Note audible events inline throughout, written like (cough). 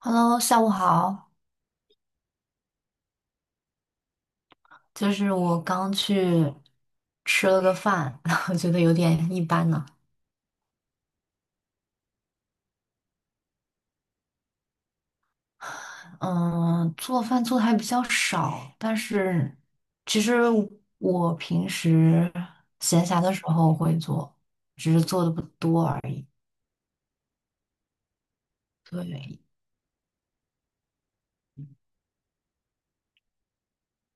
Hello，下午好。就是我刚去吃了个饭，(laughs) 然后觉得有点一般呢。嗯，做饭做的还比较少，但是其实我平时闲暇的时候会做，只是做的不多而已。对，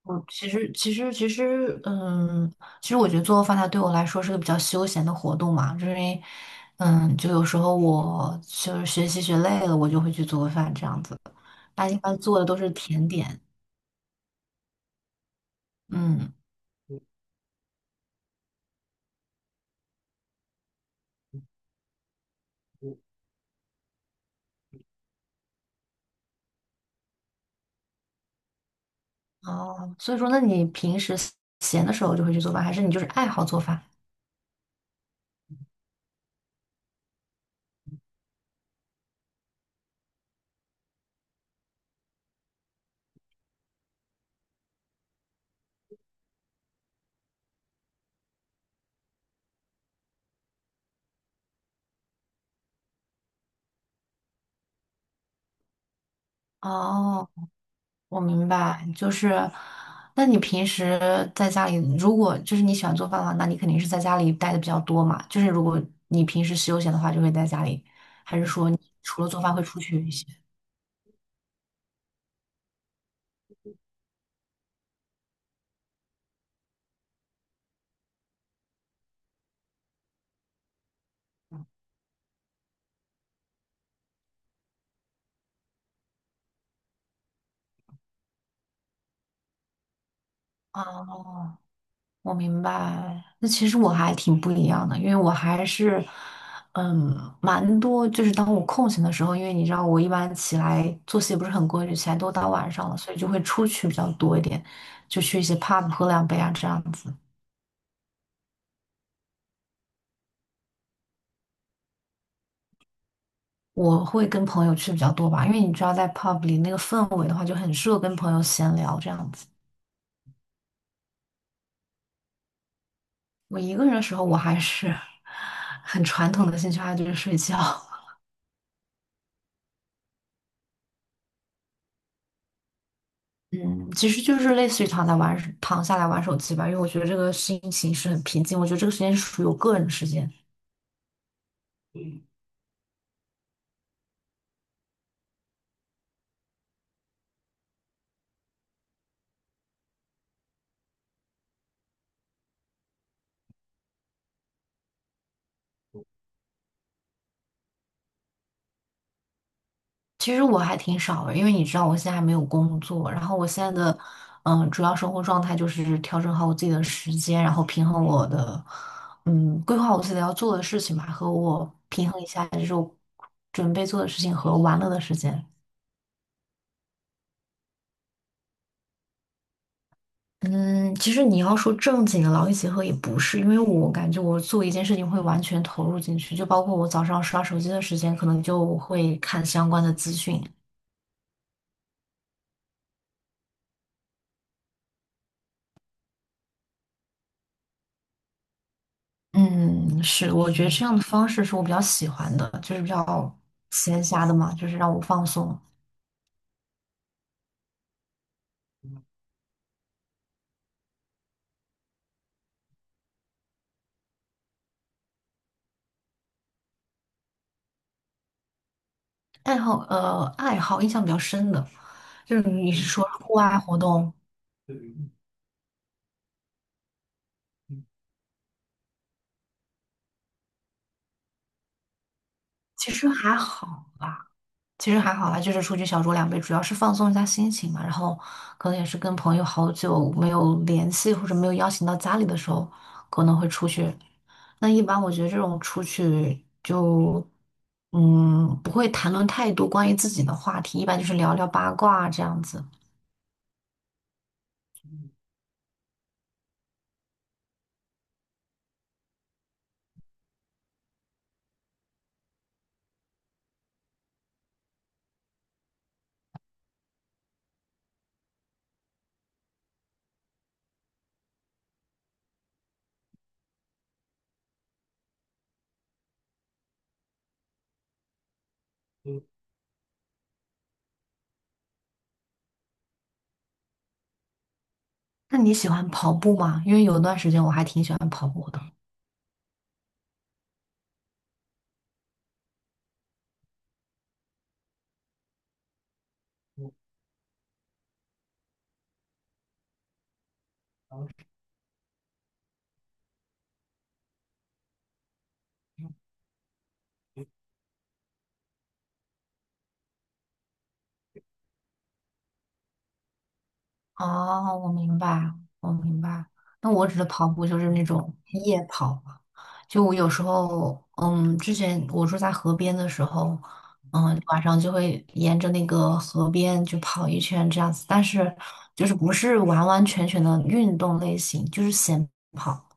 我其实其实其实，其实我觉得做饭它对我来说是个比较休闲的活动嘛，就是因为，嗯，就有时候我就是学习学累了，我就会去做饭这样子。那一般做的都是甜点。嗯，哦，所以说，那你平时闲的时候就会去做饭，还是你就是爱好做饭？哦。我明白，就是，那你平时在家里，如果就是你喜欢做饭的话，那你肯定是在家里待的比较多嘛。就是如果你平时休闲的话，就会在家里，还是说你除了做饭会出去一些？哦，我明白。那其实我还挺不一样的，因为我还是，嗯，蛮多。就是当我空闲的时候，因为你知道我一般起来作息也不是很规律，起来都到晚上了，所以就会出去比较多一点，就去一些 pub 喝两杯啊这样子。我会跟朋友去比较多吧，因为你知道，在 pub 里那个氛围的话，就很适合跟朋友闲聊这样子。我一个人的时候，我还是 (laughs) 很传统的兴趣爱好就是睡觉。(laughs) 嗯，其实就是类似于躺在玩，躺下来玩手机吧，因为我觉得这个心情是很平静，我觉得这个时间是属于我个人的时间。其实我还挺少的，因为你知道我现在还没有工作，然后我现在的主要生活状态就是调整好我自己的时间，然后平衡我的规划我自己要做的事情吧，和我平衡一下就是我准备做的事情和玩乐的时间。嗯，其实你要说正经的劳逸结合也不是，因为我感觉我做一件事情会完全投入进去，就包括我早上刷手机的时间，可能就会看相关的资讯，嗯，是，我觉得这样的方式是我比较喜欢的，就是比较闲暇的嘛，就是让我放松。爱好，爱好印象比较深的，就是你是说户外活动，其实还好吧。其实还好啦，就是出去小酌两杯，主要是放松一下心情嘛。然后可能也是跟朋友好久没有联系，或者没有邀请到家里的时候，可能会出去。那一般我觉得这种出去就，嗯，不会谈论太多关于自己的话题，一般就是聊聊八卦啊这样子。那你喜欢跑步吗？因为有一段时间我还挺喜欢跑步的。哦，我明白。那我指的跑步就是那种夜跑嘛。就我有时候，嗯，之前我住在河边的时候，嗯，晚上就会沿着那个河边就跑一圈这样子，但是就是不是完完全全的运动类型，就是闲跑。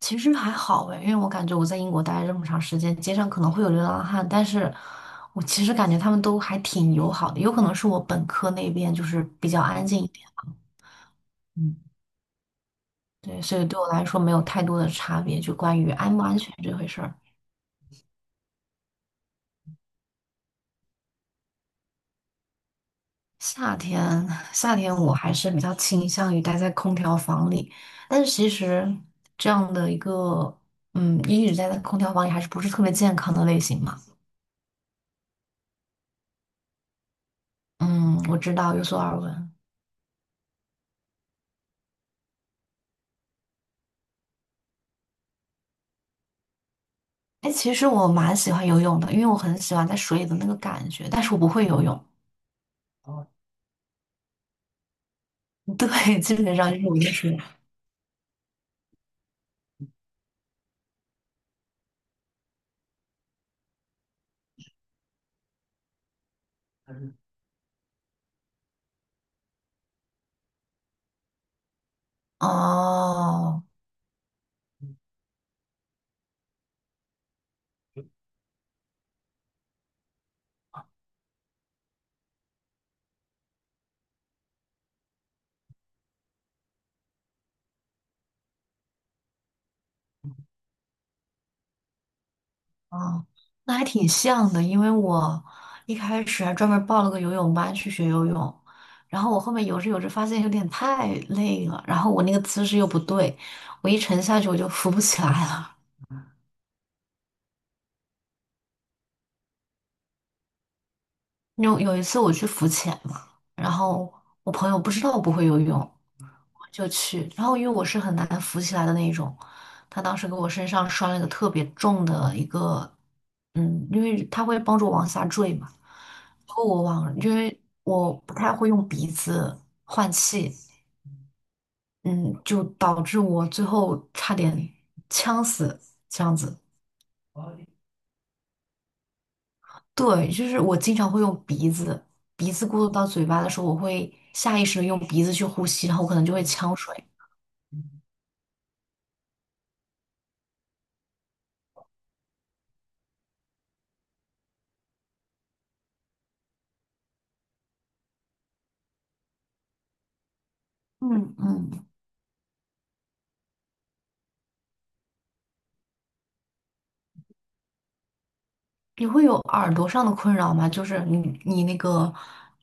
其实还好诶，因为我感觉我在英国待了这么长时间，街上可能会有流浪汉，但是我其实感觉他们都还挺友好的，有可能是我本科那边就是比较安静一点。嗯对，所以对我来说没有太多的差别，就关于安不安全这回事儿。夏天，夏天我还是比较倾向于待在空调房里，但是其实这样的一个，嗯，一直待在空调房里还是不是特别健康的类型嘛。嗯，我知道，有所耳闻。哎，其实我蛮喜欢游泳的，因为我很喜欢在水里的那个感觉，但是我不会游泳。(laughs) 对，基本上就是我就是，哦，哦，那还挺像的，因为我一开始还专门报了个游泳班去学游泳，然后我后面游着游着发现有点太累了，然后我那个姿势又不对，我一沉下去我就浮不起来了。有一次我去浮潜嘛，然后我朋友不知道我不会游泳，就去。然后因为我是很难扶起来的那一种，他当时给我身上拴了一个特别重的一个，嗯，因为他会帮助我往下坠嘛。然后我往，因为我不太会用鼻子换气，嗯，就导致我最后差点呛死，这样子。对，就是我经常会用鼻子，鼻子过渡到嘴巴的时候，我会下意识的用鼻子去呼吸，然后我可能就会呛水。嗯嗯。你会有耳朵上的困扰吗？就是你那个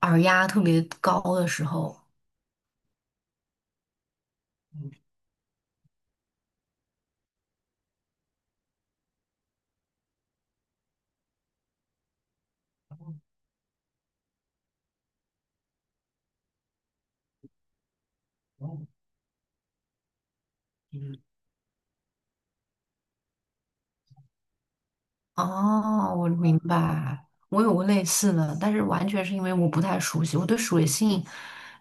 耳压特别高的时候。哦，我明白，我有过类似的，但是完全是因为我不太熟悉，我对水性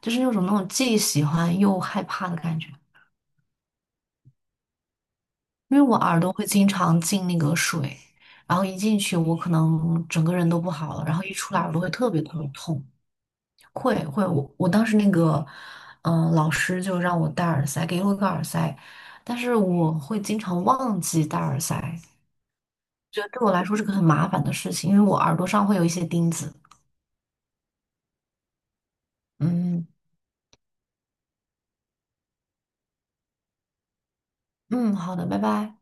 就是那种既喜欢又害怕的感觉，因为我耳朵会经常进那个水，然后一进去我可能整个人都不好了，然后一出来耳朵会特别特别痛。会会，我当时那个，嗯、老师就让我戴耳塞，给了我一个耳塞，但是我会经常忘记戴耳塞，觉得对我来说是个很麻烦的事情，因为我耳朵上会有一些钉子。嗯嗯，好的，拜拜。